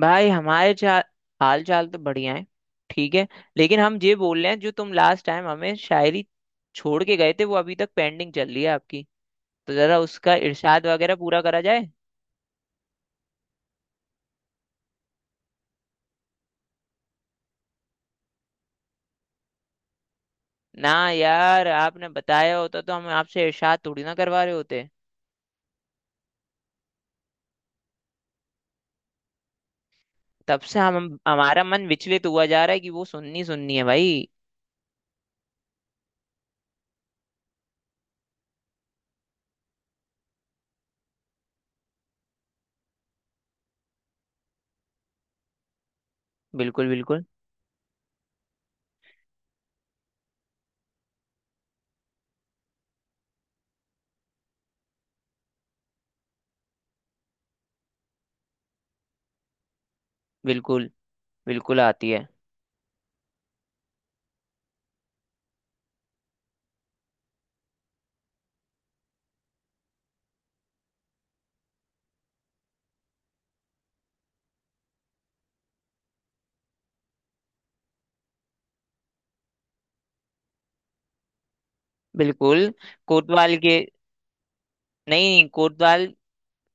भाई हमारे चाल हाल चाल तो बढ़िया है। ठीक है। लेकिन हम ये बोल रहे हैं जो तुम लास्ट टाइम हमें शायरी छोड़ के गए थे वो अभी तक पेंडिंग चल रही है आपकी। तो जरा उसका इरशाद वगैरह पूरा करा जाए। ना यार आपने बताया होता तो हम आपसे इरशाद थोड़ी ना करवा रहे होते। तब से हम हमारा मन विचलित हुआ जा रहा है कि वो सुननी सुननी है भाई। बिल्कुल बिल्कुल बिल्कुल। बिल्कुल आती है। बिल्कुल। कोतवाल के। नहीं कोतवाल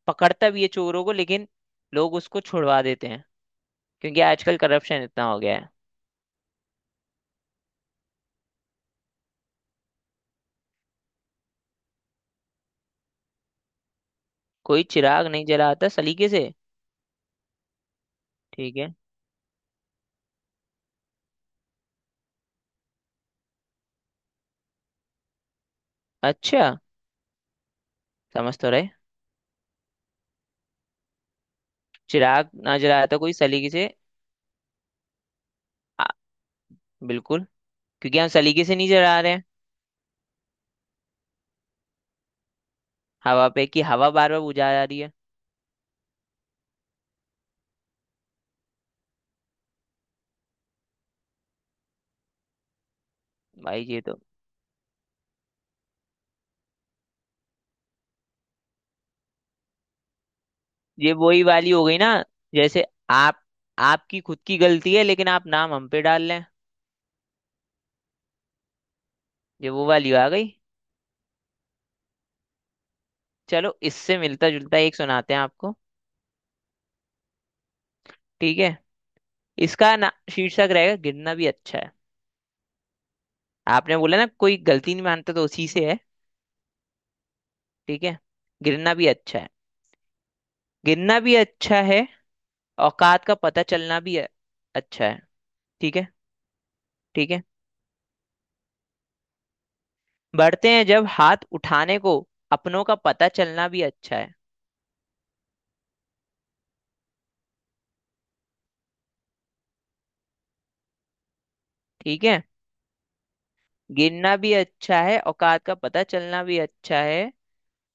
पकड़ता भी है चोरों को लेकिन लोग उसको छुड़वा देते हैं क्योंकि आजकल करप्शन इतना हो गया है। कोई चिराग नहीं जलाता सलीके से। ठीक है। अच्छा। समझ तो रहे। चिराग ना जलाता कोई सलीके से। आ, बिल्कुल। क्योंकि हम सलीके से नहीं जला रहे हैं। हवा पे कि हवा बार बार बुझा जा रही है। भाई ये तो। ये वही वाली हो गई ना। जैसे आप आपकी खुद की गलती है लेकिन आप नाम हम पे डाल लें। ये वो वाली आ गई। चलो इससे मिलता जुलता एक सुनाते हैं आपको। ठीक है। इसका ना शीर्षक रहेगा गिरना भी अच्छा है। आपने बोला ना कोई गलती नहीं मानता तो उसी से है। ठीक है। गिरना भी अच्छा है। गिरना भी अच्छा है। औकात का पता चलना भी अच्छा है। ठीक है। ठीक है। बढ़ते हैं जब हाथ उठाने को अपनों का पता चलना भी अच्छा है। ठीक है। गिरना भी अच्छा है औकात का पता चलना भी अच्छा है।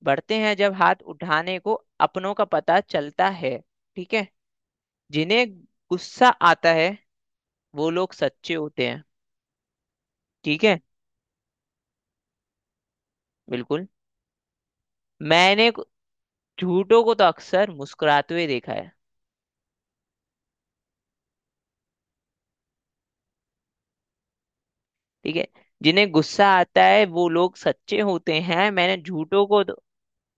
बढ़ते हैं जब हाथ उठाने को अपनों का पता चलता है। ठीक है। जिन्हें गुस्सा आता है वो लोग सच्चे होते हैं। ठीक है। बिल्कुल। मैंने झूठों को तो अक्सर मुस्कुराते हुए देखा है। ठीक है। जिन्हें गुस्सा आता है वो लोग सच्चे होते हैं।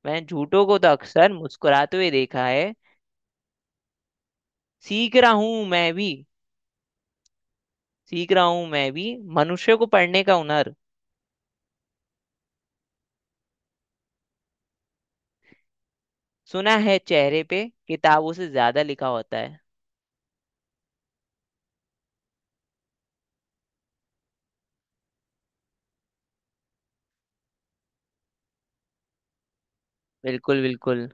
मैंने झूठों को तो अक्सर मुस्कुराते हुए देखा है। सीख रहा हूं मैं भी सीख रहा हूं मैं भी मनुष्य को पढ़ने का हुनर। सुना है चेहरे पे किताबों से ज्यादा लिखा होता है। बिल्कुल बिल्कुल।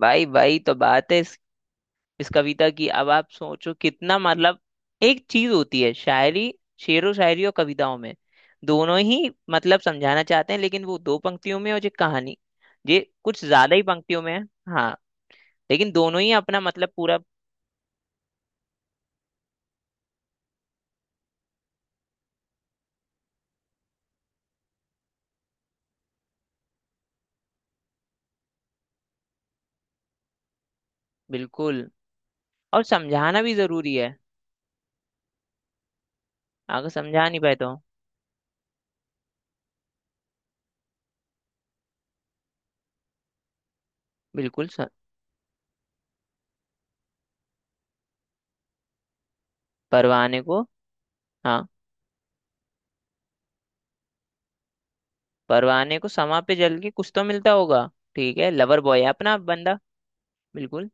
भाई भाई तो बात है इस कविता की। अब आप सोचो कितना मतलब। एक चीज होती है शायरी। शेरो शायरी और कविताओं में दोनों ही मतलब समझाना चाहते हैं लेकिन वो दो पंक्तियों में और ये कहानी ये कुछ ज्यादा ही पंक्तियों में है। हाँ। लेकिन दोनों ही अपना मतलब पूरा। बिल्कुल। और समझाना भी जरूरी है अगर समझा नहीं पाए तो। बिल्कुल। परवाने को। हाँ। परवाने को समा पे जल के कुछ तो मिलता होगा। ठीक है लवर बॉय है अपना बंदा। बिल्कुल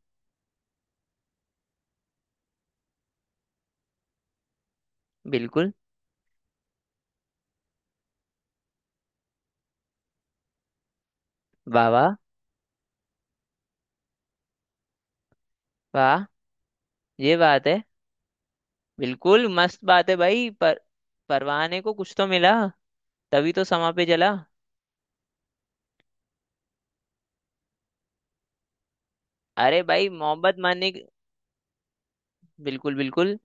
बिल्कुल। वाह वाह वाह। ये बात है। बिल्कुल मस्त बात है भाई। पर परवाने को कुछ तो मिला तभी तो समा पे जला। अरे भाई बिल्कुल बिल्कुल।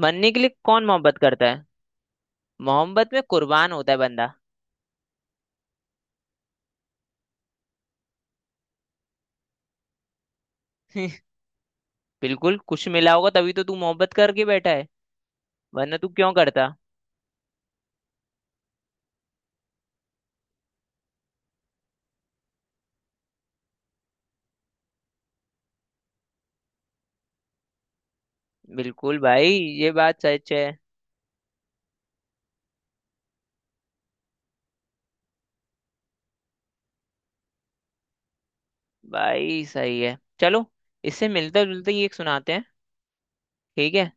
मानने के लिए कौन मोहब्बत करता है। मोहब्बत में कुर्बान होता है बंदा। बिल्कुल कुछ मिला होगा तभी तो तू मोहब्बत करके बैठा है। वरना तू क्यों करता। बिल्कुल भाई ये बात सच है। भाई सही है। चलो इससे मिलता जुलता ही एक सुनाते हैं। ठीक है।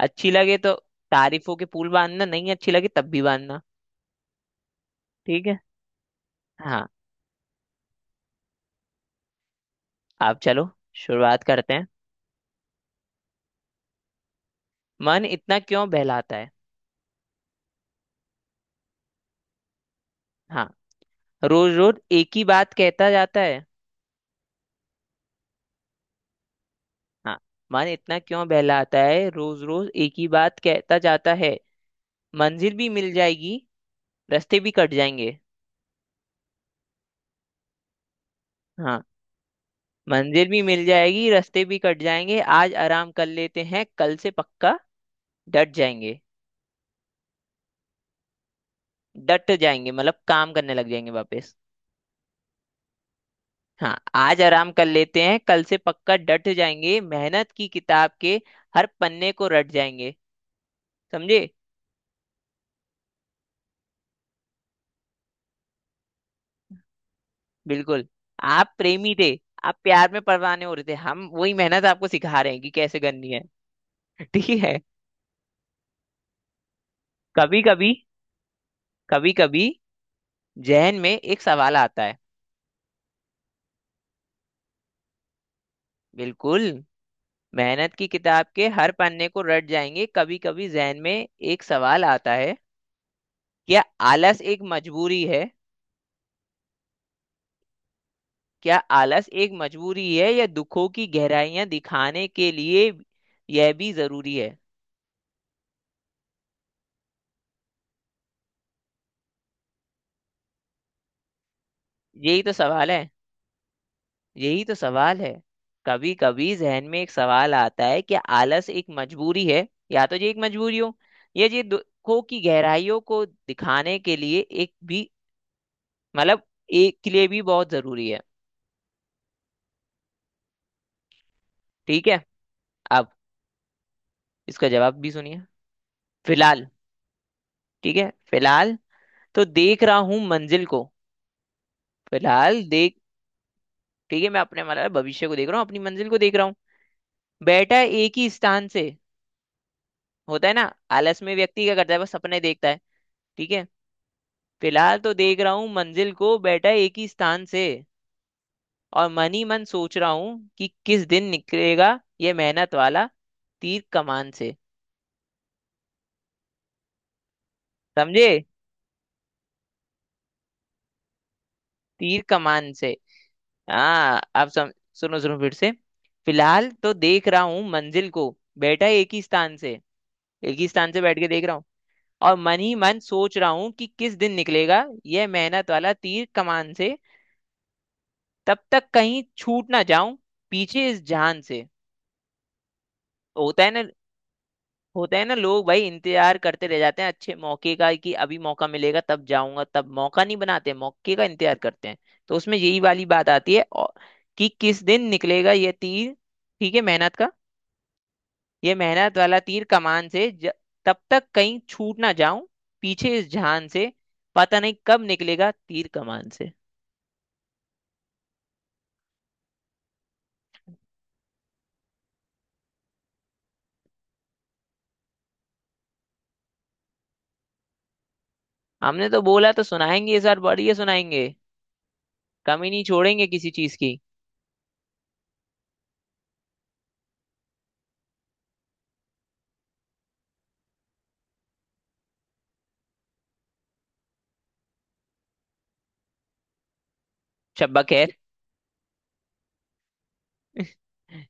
अच्छी लगे तो तारीफों के पुल बांधना नहीं अच्छी लगे तब भी बांधना। ठीक है। हाँ। आप चलो शुरुआत करते हैं। मन इतना क्यों बहलाता है। हाँ। रोज रोज एक ही बात कहता जाता है। हाँ। मन इतना क्यों बहलाता है रोज रोज एक ही बात कहता जाता है। मंजिल भी मिल जाएगी रास्ते भी कट जाएंगे। हाँ। मंजिल भी मिल जाएगी रास्ते भी कट जाएंगे आज आराम कर लेते हैं कल से पक्का डट जाएंगे। डट जाएंगे मतलब काम करने लग जाएंगे वापस। हाँ। आज आराम कर लेते हैं कल से पक्का डट जाएंगे मेहनत की किताब के हर पन्ने को रट जाएंगे। समझे। बिल्कुल। आप प्रेमी थे। आप प्यार में परवाने हो रहे थे हम वही मेहनत आपको सिखा रहे हैं कि कैसे करनी है। ठीक है। कभी कभी। कभी कभी जहन में एक सवाल आता है। बिल्कुल। मेहनत की किताब के हर पन्ने को रट जाएंगे। कभी कभी जहन में एक सवाल आता है। क्या आलस एक मजबूरी है। क्या आलस एक मजबूरी है या दुखों की गहराइयां दिखाने के लिए यह भी जरूरी है। यही तो सवाल है। यही तो सवाल है। कभी कभी जहन में एक सवाल आता है कि आलस एक मजबूरी है या तो ये एक मजबूरी हो या ये दुखों की गहराइयों को दिखाने के लिए एक भी। मतलब एक के लिए भी बहुत जरूरी है। ठीक है। अब इसका जवाब भी सुनिए। फिलहाल। ठीक है। फिलहाल तो देख रहा हूँ मंजिल को। फिलहाल देख ठीक है। मैं अपने मतलब भविष्य को देख रहा हूँ अपनी मंजिल को देख रहा हूँ। बैठा एक ही स्थान से। होता है ना। आलस में व्यक्ति क्या करता है बस सपने देखता है। ठीक है। फिलहाल तो देख रहा हूँ मंजिल को बैठा एक ही स्थान से और मन ही मन सोच रहा हूँ कि किस दिन निकलेगा ये मेहनत वाला तीर कमान से। समझे। तीर कमान से। हाँ। अब सुनो सुनो फिर से। फिलहाल तो देख रहा हूँ मंजिल को बैठा एक ही स्थान से। एक ही स्थान से बैठ के देख रहा हूँ। और मन ही मन सोच रहा हूँ कि किस दिन निकलेगा यह मेहनत वाला तीर कमान से। तब तक कहीं छूट ना जाऊं पीछे इस जहान से। होता है ना। होता है ना लोग भाई इंतजार करते रह जाते हैं अच्छे मौके का कि अभी मौका मिलेगा तब जाऊंगा। तब मौका नहीं बनाते मौके का इंतजार करते हैं। तो उसमें यही वाली बात आती है। और कि किस दिन निकलेगा ये तीर। ठीक है मेहनत का। ये मेहनत वाला तीर कमान से तब तक कहीं छूट ना जाऊं पीछे इस जान से। पता नहीं कब निकलेगा तीर कमान से। हमने तो बोला तो सुनाएंगे इस बार बढ़िया सुनाएंगे। कमी नहीं छोड़ेंगे किसी चीज की। शब्बा खैर।